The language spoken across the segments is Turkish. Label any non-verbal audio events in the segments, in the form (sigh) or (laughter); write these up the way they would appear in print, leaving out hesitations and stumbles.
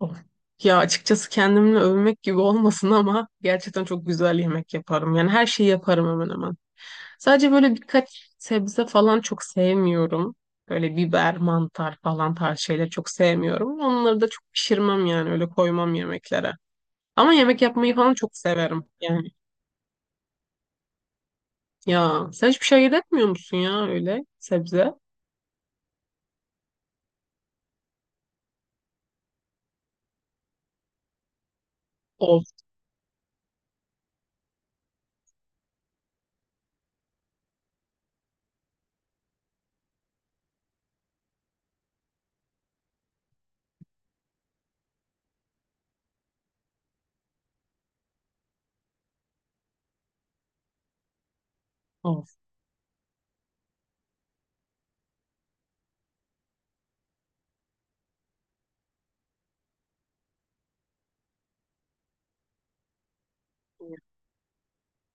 Of. Ya açıkçası kendimle övmek gibi olmasın ama gerçekten çok güzel yemek yaparım. Yani her şeyi yaparım hemen hemen. Sadece böyle birkaç sebze falan çok sevmiyorum. Böyle biber, mantar falan tarz şeyleri çok sevmiyorum. Onları da çok pişirmem yani öyle koymam yemeklere. Ama yemek yapmayı falan çok severim yani. Ya sen hiçbir şey ayırt etmiyor musun ya öyle sebze? Of of.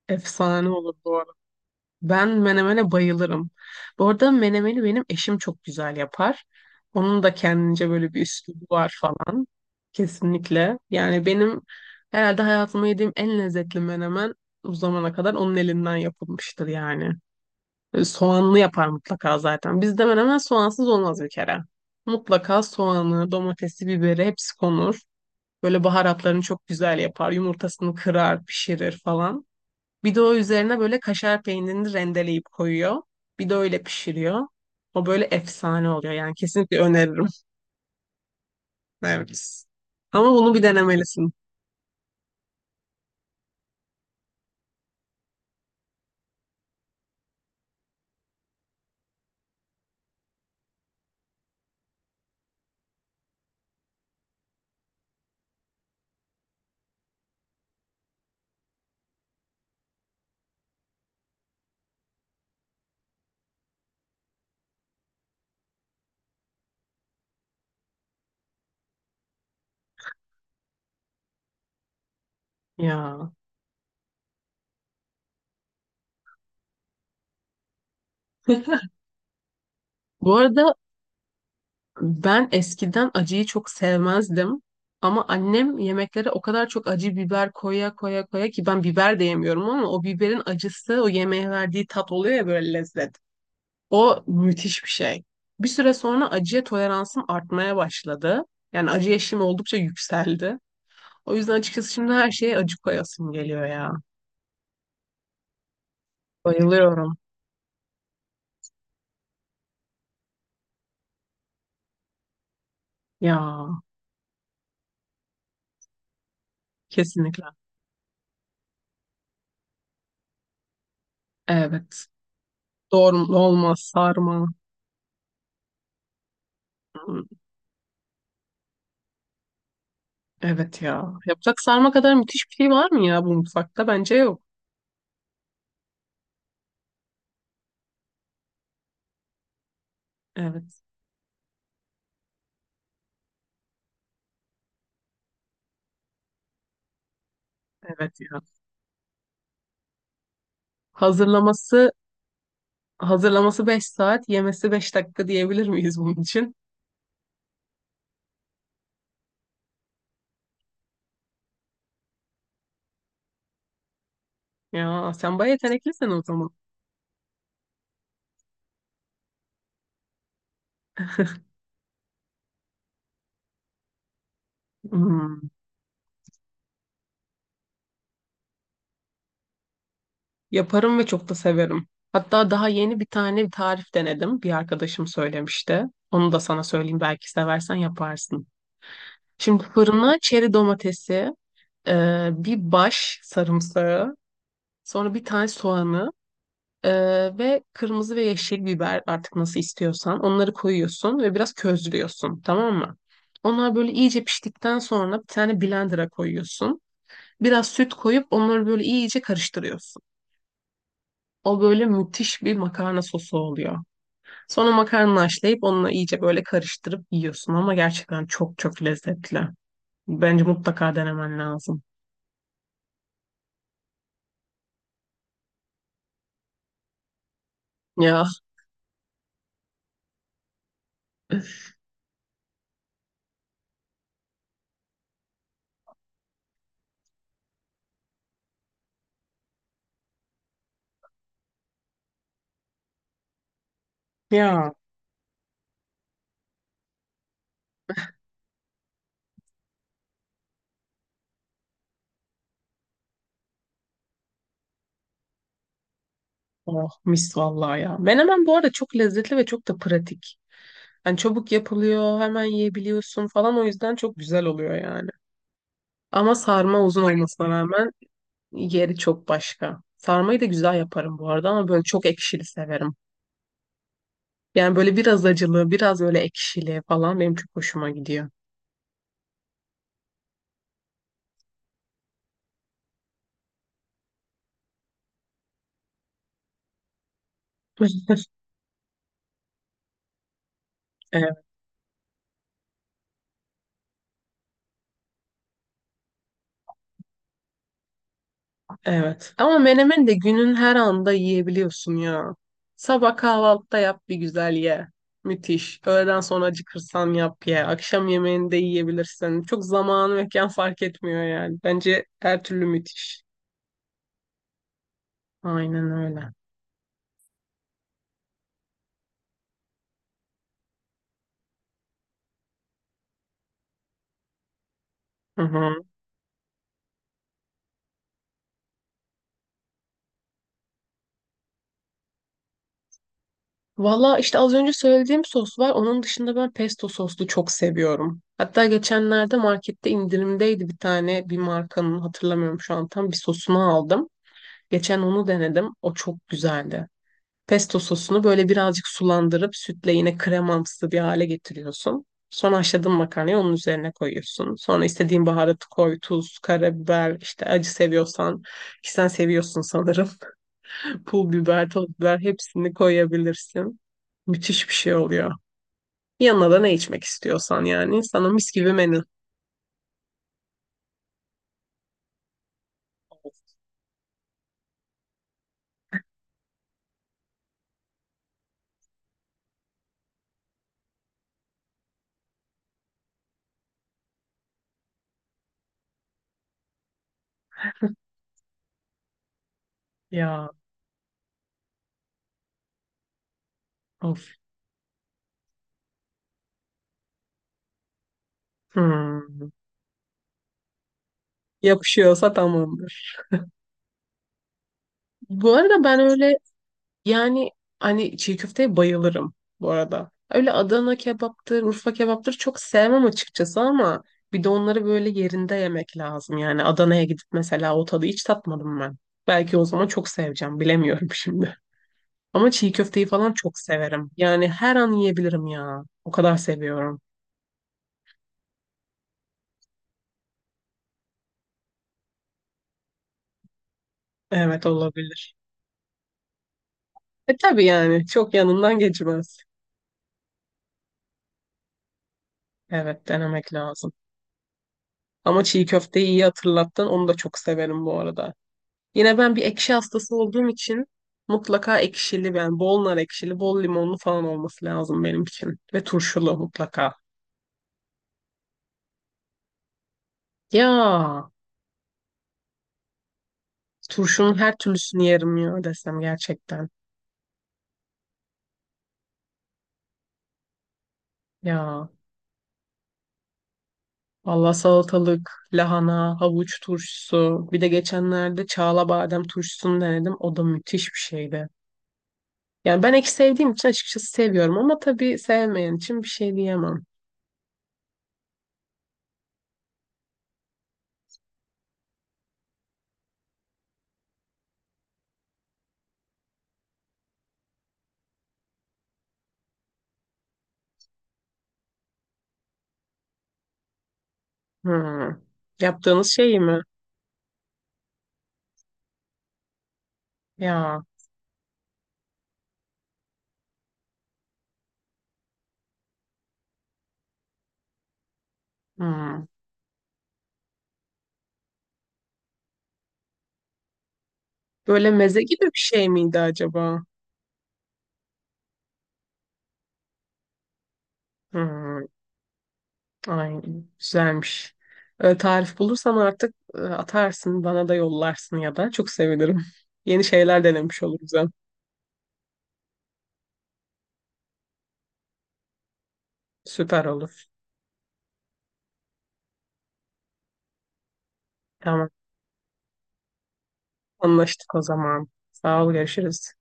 Efsane olur bu arada. Ben menemene bayılırım. Bu arada menemeni benim eşim çok güzel yapar. Onun da kendince böyle bir üslubu var falan. Kesinlikle. Yani benim herhalde hayatımda yediğim en lezzetli menemen bu zamana kadar onun elinden yapılmıştır yani. Soğanlı yapar mutlaka zaten. Bizde menemen soğansız olmaz bir kere. Mutlaka soğanı, domatesi, biberi hepsi konur. Böyle baharatlarını çok güzel yapar. Yumurtasını kırar, pişirir falan. Bir de o üzerine böyle kaşar peynirini rendeleyip koyuyor. Bir de öyle pişiriyor. O böyle efsane oluyor. Yani kesinlikle öneririm. (laughs) Evet. Ama bunu bir denemelisin. Ya. (laughs) Bu arada ben eskiden acıyı çok sevmezdim. Ama annem yemeklere o kadar çok acı biber koya koya koya ki ben biber de yemiyorum ama o biberin acısı o yemeğe verdiği tat oluyor ya böyle lezzet. O müthiş bir şey. Bir süre sonra acıya toleransım artmaya başladı. Yani acı eşiğim oldukça yükseldi. O yüzden açıkçası şimdi her şeye acı koyasım geliyor ya. Bayılıyorum. Ya kesinlikle. Evet. Doğru olmaz sarma. Hı, evet ya. Yapacak sarma kadar müthiş bir şey var mı ya bu mutfakta? Bence yok. Evet. Evet ya. Hazırlaması hazırlaması 5 saat, yemesi 5 dakika diyebilir miyiz bunun için? Ya sen bayağı yeteneklisin o zaman. Hı. Yaparım ve çok da severim. Hatta daha yeni bir tane bir tarif denedim. Bir arkadaşım söylemişti. Onu da sana söyleyeyim belki seversen yaparsın. Şimdi fırına çeri domatesi, bir baş sarımsağı, sonra bir tane soğanı e, ve kırmızı ve yeşil biber artık nasıl istiyorsan onları koyuyorsun ve biraz közlüyorsun, tamam mı? Onlar böyle iyice piştikten sonra bir tane blender'a koyuyorsun. Biraz süt koyup onları böyle iyice karıştırıyorsun. O böyle müthiş bir makarna sosu oluyor. Sonra makarnayı haşlayıp onunla iyice böyle karıştırıp yiyorsun ama gerçekten çok çok lezzetli. Bence mutlaka denemen lazım. Ya ya oh mis vallahi ya. Menemen bu arada çok lezzetli ve çok da pratik. Yani çabuk yapılıyor, hemen yiyebiliyorsun falan o yüzden çok güzel oluyor yani. Ama sarma uzun olmasına rağmen yeri çok başka. Sarmayı da güzel yaparım bu arada ama böyle çok ekşili severim. Yani böyle biraz acılı, biraz öyle ekşili falan benim çok hoşuma gidiyor. (laughs) Evet. Evet. Ama menemen de günün her anda yiyebiliyorsun ya. Sabah kahvaltıda yap bir güzel ye. Müthiş. Öğleden sonra acıkırsan yap ye. Akşam yemeğini de yiyebilirsin. Çok zaman mekan fark etmiyor yani. Bence her türlü müthiş. Aynen öyle. Hı hı. Valla işte az önce söylediğim sos var. Onun dışında ben pesto soslu çok seviyorum. Hatta geçenlerde markette indirimdeydi, bir tane bir markanın hatırlamıyorum şu an tam, bir sosunu aldım. Geçen onu denedim. O çok güzeldi. Pesto sosunu böyle birazcık sulandırıp sütle yine kremamsı bir hale getiriyorsun. Sonra haşladığın makarnayı onun üzerine koyuyorsun. Sonra istediğin baharatı koy, tuz, karabiber, işte acı seviyorsan, ki sen seviyorsun sanırım. (laughs) Pul biber, toz biber hepsini koyabilirsin. Müthiş bir şey oluyor. Yanına da ne içmek istiyorsan yani. Sana mis gibi menü. Ya of. Hmm. Yapışıyorsa tamamdır. Bu arada ben öyle. Yani hani çiğ köfteye bayılırım bu arada. Öyle Adana kebaptır, Urfa kebaptır çok sevmem açıkçası ama bir de onları böyle yerinde yemek lazım. Yani Adana'ya gidip mesela o tadı hiç tatmadım ben. Belki o zaman çok seveceğim, bilemiyorum (laughs) şimdi. Ama çiğ köfteyi falan çok severim. Yani her an yiyebilirim ya. O kadar seviyorum. Evet, olabilir. E tabii yani çok yanından geçmez. Evet, denemek lazım. Ama çiğ köfteyi iyi hatırlattın. Onu da çok severim bu arada. Yine ben bir ekşi hastası olduğum için mutlaka ekşili yani bol nar ekşili, bol limonlu falan olması lazım benim için. Ve turşulu mutlaka. Ya turşunun her türlüsünü yerim ya desem gerçekten. Ya valla salatalık, lahana, havuç turşusu. Bir de geçenlerde çağla badem turşusunu denedim. O da müthiş bir şeydi. Yani ben ekşi sevdiğim için açıkçası seviyorum ama tabii sevmeyen için bir şey diyemem. Hmm. Yaptığınız şey mi? Ya. Hmm. Böyle meze gibi bir şey miydi acaba? Hmm, ay güzelmiş. Tarif bulursan artık atarsın, bana da yollarsın ya da çok sevinirim. (laughs) Yeni şeyler denemiş oluruz hem. Süper olur. Tamam, anlaştık o zaman. Sağ ol, görüşürüz.